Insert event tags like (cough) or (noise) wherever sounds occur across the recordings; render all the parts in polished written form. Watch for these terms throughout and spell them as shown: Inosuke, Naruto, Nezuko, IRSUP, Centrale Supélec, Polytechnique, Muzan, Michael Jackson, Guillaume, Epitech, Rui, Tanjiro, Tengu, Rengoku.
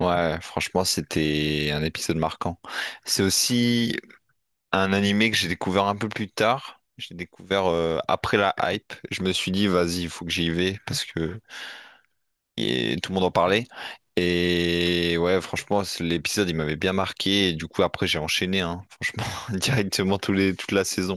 Ouais, franchement, c'était un épisode marquant. C'est aussi un animé que j'ai découvert un peu plus tard. J'ai découvert après la hype. Je me suis dit, vas-y, il faut que j'y vais parce que et tout le monde en parlait. Et ouais, franchement, l'épisode, il m'avait bien marqué. Et du coup, après, j'ai enchaîné, hein, franchement, (laughs) directement toute la saison.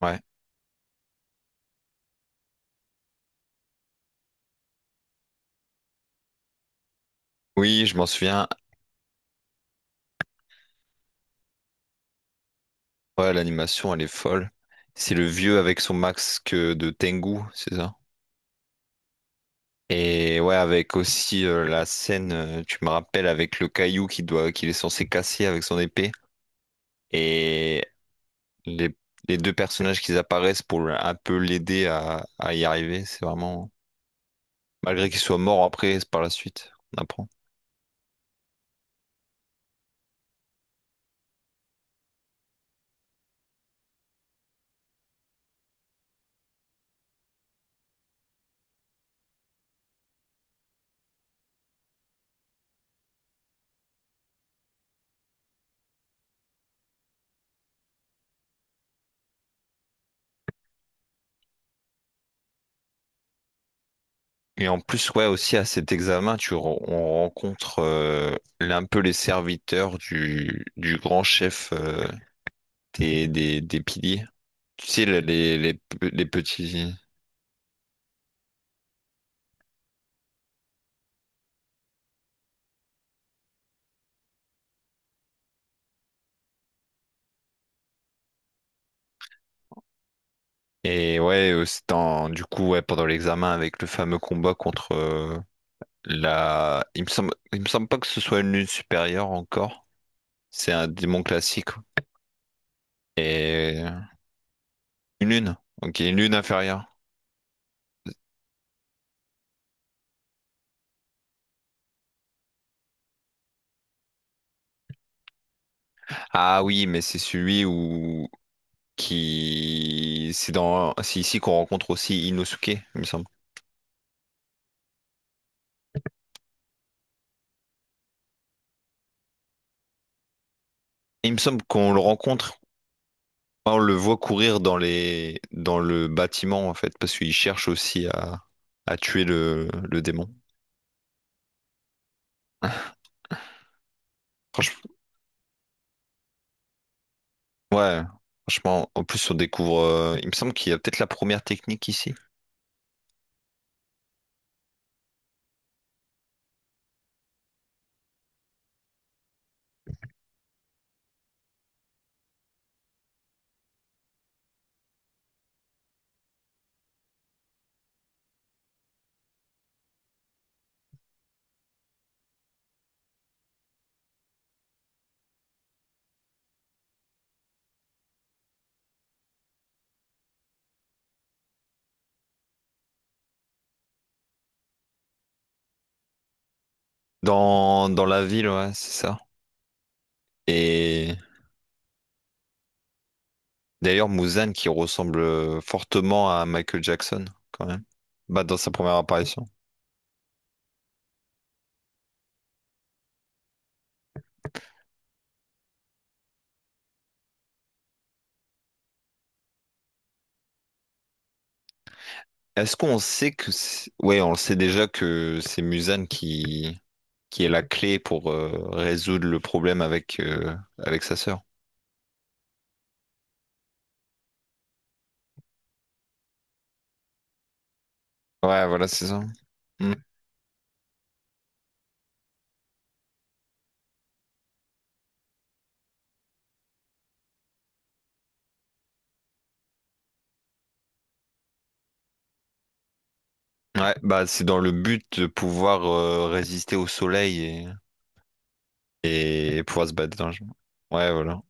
Ouais. Oui, je m'en souviens. Ouais, l'animation, elle est folle. C'est le vieux avec son masque de Tengu, c'est ça? Et ouais, avec aussi la scène, tu me rappelles, avec le caillou qu'il est censé casser avec son épée. Et les, les deux personnages qui apparaissent pour un peu l'aider à y arriver, c'est vraiment... Malgré qu'il soit mort après, c'est par la suite, on apprend. Et en plus, ouais, aussi à cet examen, on rencontre un peu les serviteurs du grand chef des piliers. Tu sais, les petits... Et ouais, c'est du coup, ouais, pendant l'examen avec le fameux combat contre la. Il me semble pas que ce soit une lune supérieure encore. C'est un démon classique. Et une lune. Ok, une lune inférieure. Ah oui, mais c'est celui où qui. C'est dans. C'est ici qu'on rencontre aussi Inosuke, il me semble. Il me semble qu'on le rencontre. On le voit courir dans les dans le bâtiment en fait, parce qu'il cherche aussi à tuer le démon. Franchement, ouais, franchement, en plus on découvre. Il me semble qu'il y a peut-être la première technique ici. Dans la ville, ouais, c'est ça. Et d'ailleurs, Muzan qui ressemble fortement à Michael Jackson, quand même. Bah, dans sa première apparition. Est-ce qu'on sait que. Ouais, on le sait déjà que c'est Muzan qui est la clé pour résoudre le problème avec, avec sa sœur. Ouais, voilà, c'est ça. Mm. Ouais, bah c'est dans le but de pouvoir résister au soleil et. Et pouvoir se battre dans le jeu. Ouais, voilà.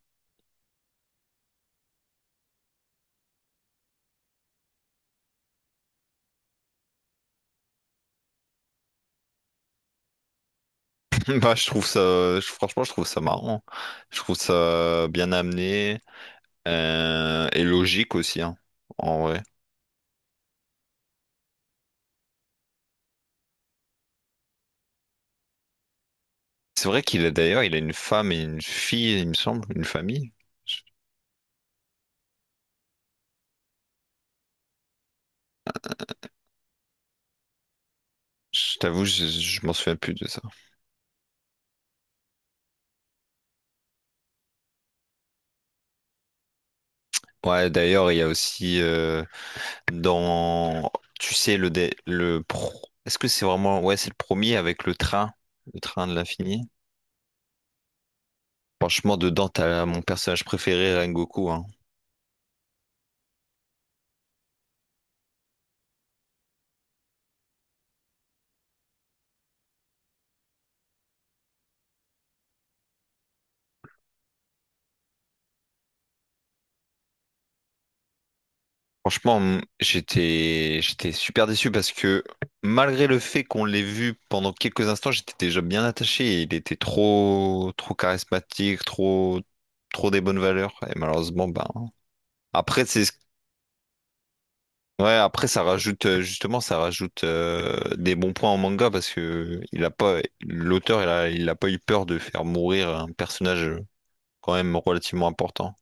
(laughs) Bah, je trouve ça, franchement, je trouve ça marrant. Je trouve ça bien amené et logique aussi, hein, en vrai. C'est vrai qu'il a d'ailleurs, il a une femme et une fille, il me semble, une famille. Je, je t'avoue, je m'en souviens plus de ça. Ouais, d'ailleurs, il y a aussi dans, tu sais, le pro. Est-ce que c'est vraiment, ouais, c'est le premier avec le train de l'infini. Franchement, dedans, t'as mon personnage préféré, Rengoku, hein. Franchement, j'étais super déçu parce que malgré le fait qu'on l'ait vu pendant quelques instants, j'étais déjà bien attaché et il était trop charismatique, trop des bonnes valeurs et malheureusement ben après c'est ouais, après ça rajoute justement ça rajoute des bons points en manga parce que il a pas l'auteur il a pas eu peur de faire mourir un personnage quand même relativement important.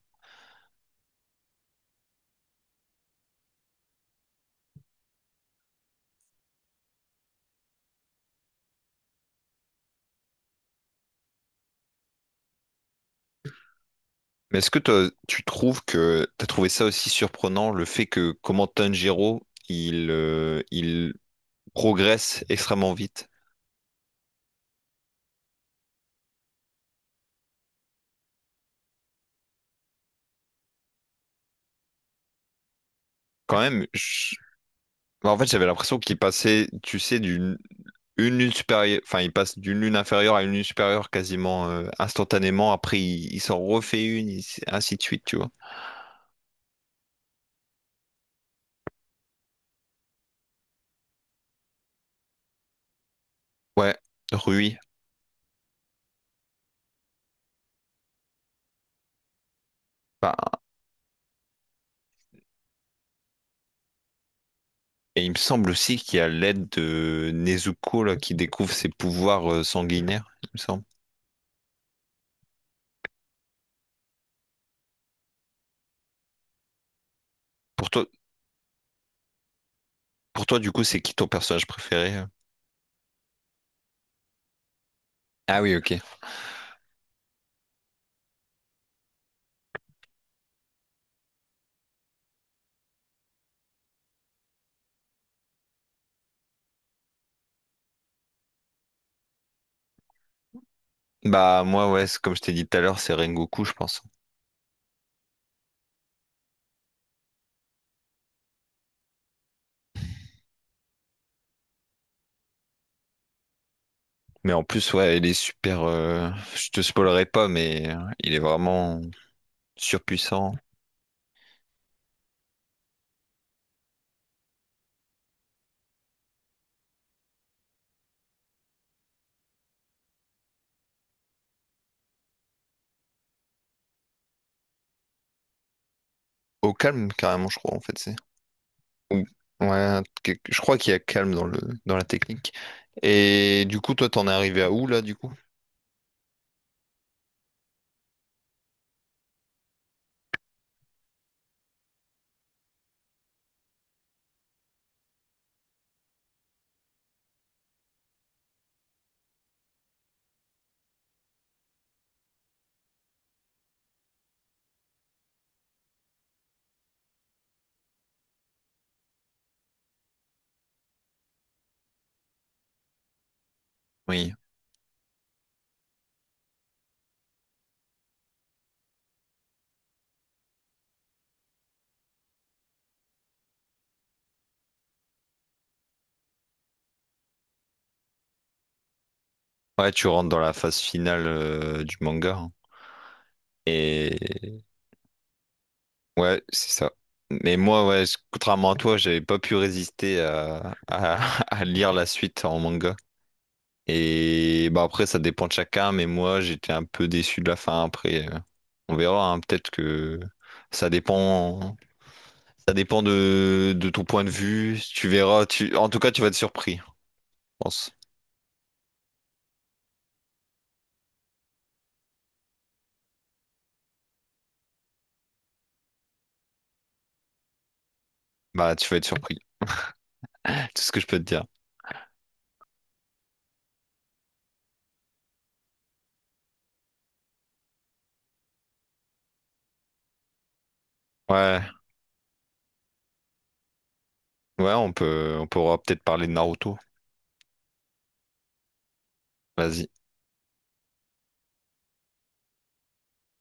Mais est-ce que toi, tu trouves que tu as trouvé ça aussi surprenant, le fait que comment Tanjiro, il progresse extrêmement vite? Quand même, en fait, j'avais l'impression qu'il passait, tu sais, d'une une lune supérieure, enfin, il passe d'une lune inférieure à une lune supérieure quasiment instantanément. Après, il s'en refait une, ainsi de suite, tu vois. Ouais, Rui. Bah, et il me semble aussi qu'il y a l'aide de Nezuko là, qui découvre ses pouvoirs sanguinaires, il me semble. Pour toi, pour toi, du coup, c'est qui ton personnage préféré? Ah oui, ok. Bah moi, ouais, comme je t'ai dit tout à l'heure, c'est Rengoku, je pense. Mais en plus, ouais, il est super. Je te spoilerai pas, mais il est vraiment. Surpuissant au calme carrément, je crois en fait c'est. Ou- Ouais, je crois qu'il y a calme dans le dans la technique. Et du coup, toi, t'en es arrivé à où là, du coup? Oui. Ouais, tu rentres dans la phase finale du manga, hein. Et ouais, c'est ça. Mais moi, ouais, contrairement à toi, j'avais pas pu résister (laughs) à lire la suite en manga. Et bah après, ça dépend de chacun, mais moi, j'étais un peu déçu de la fin. Après, on verra, hein, peut-être que ça dépend, ça dépend de ton point de vue. Tu verras, tu, en tout cas, tu vas être surpris, je pense. Bah, tu vas être surpris. (laughs) Tout ce que je peux te dire. Ouais, ouais, on pourra peut-être parler de Naruto. Vas-y.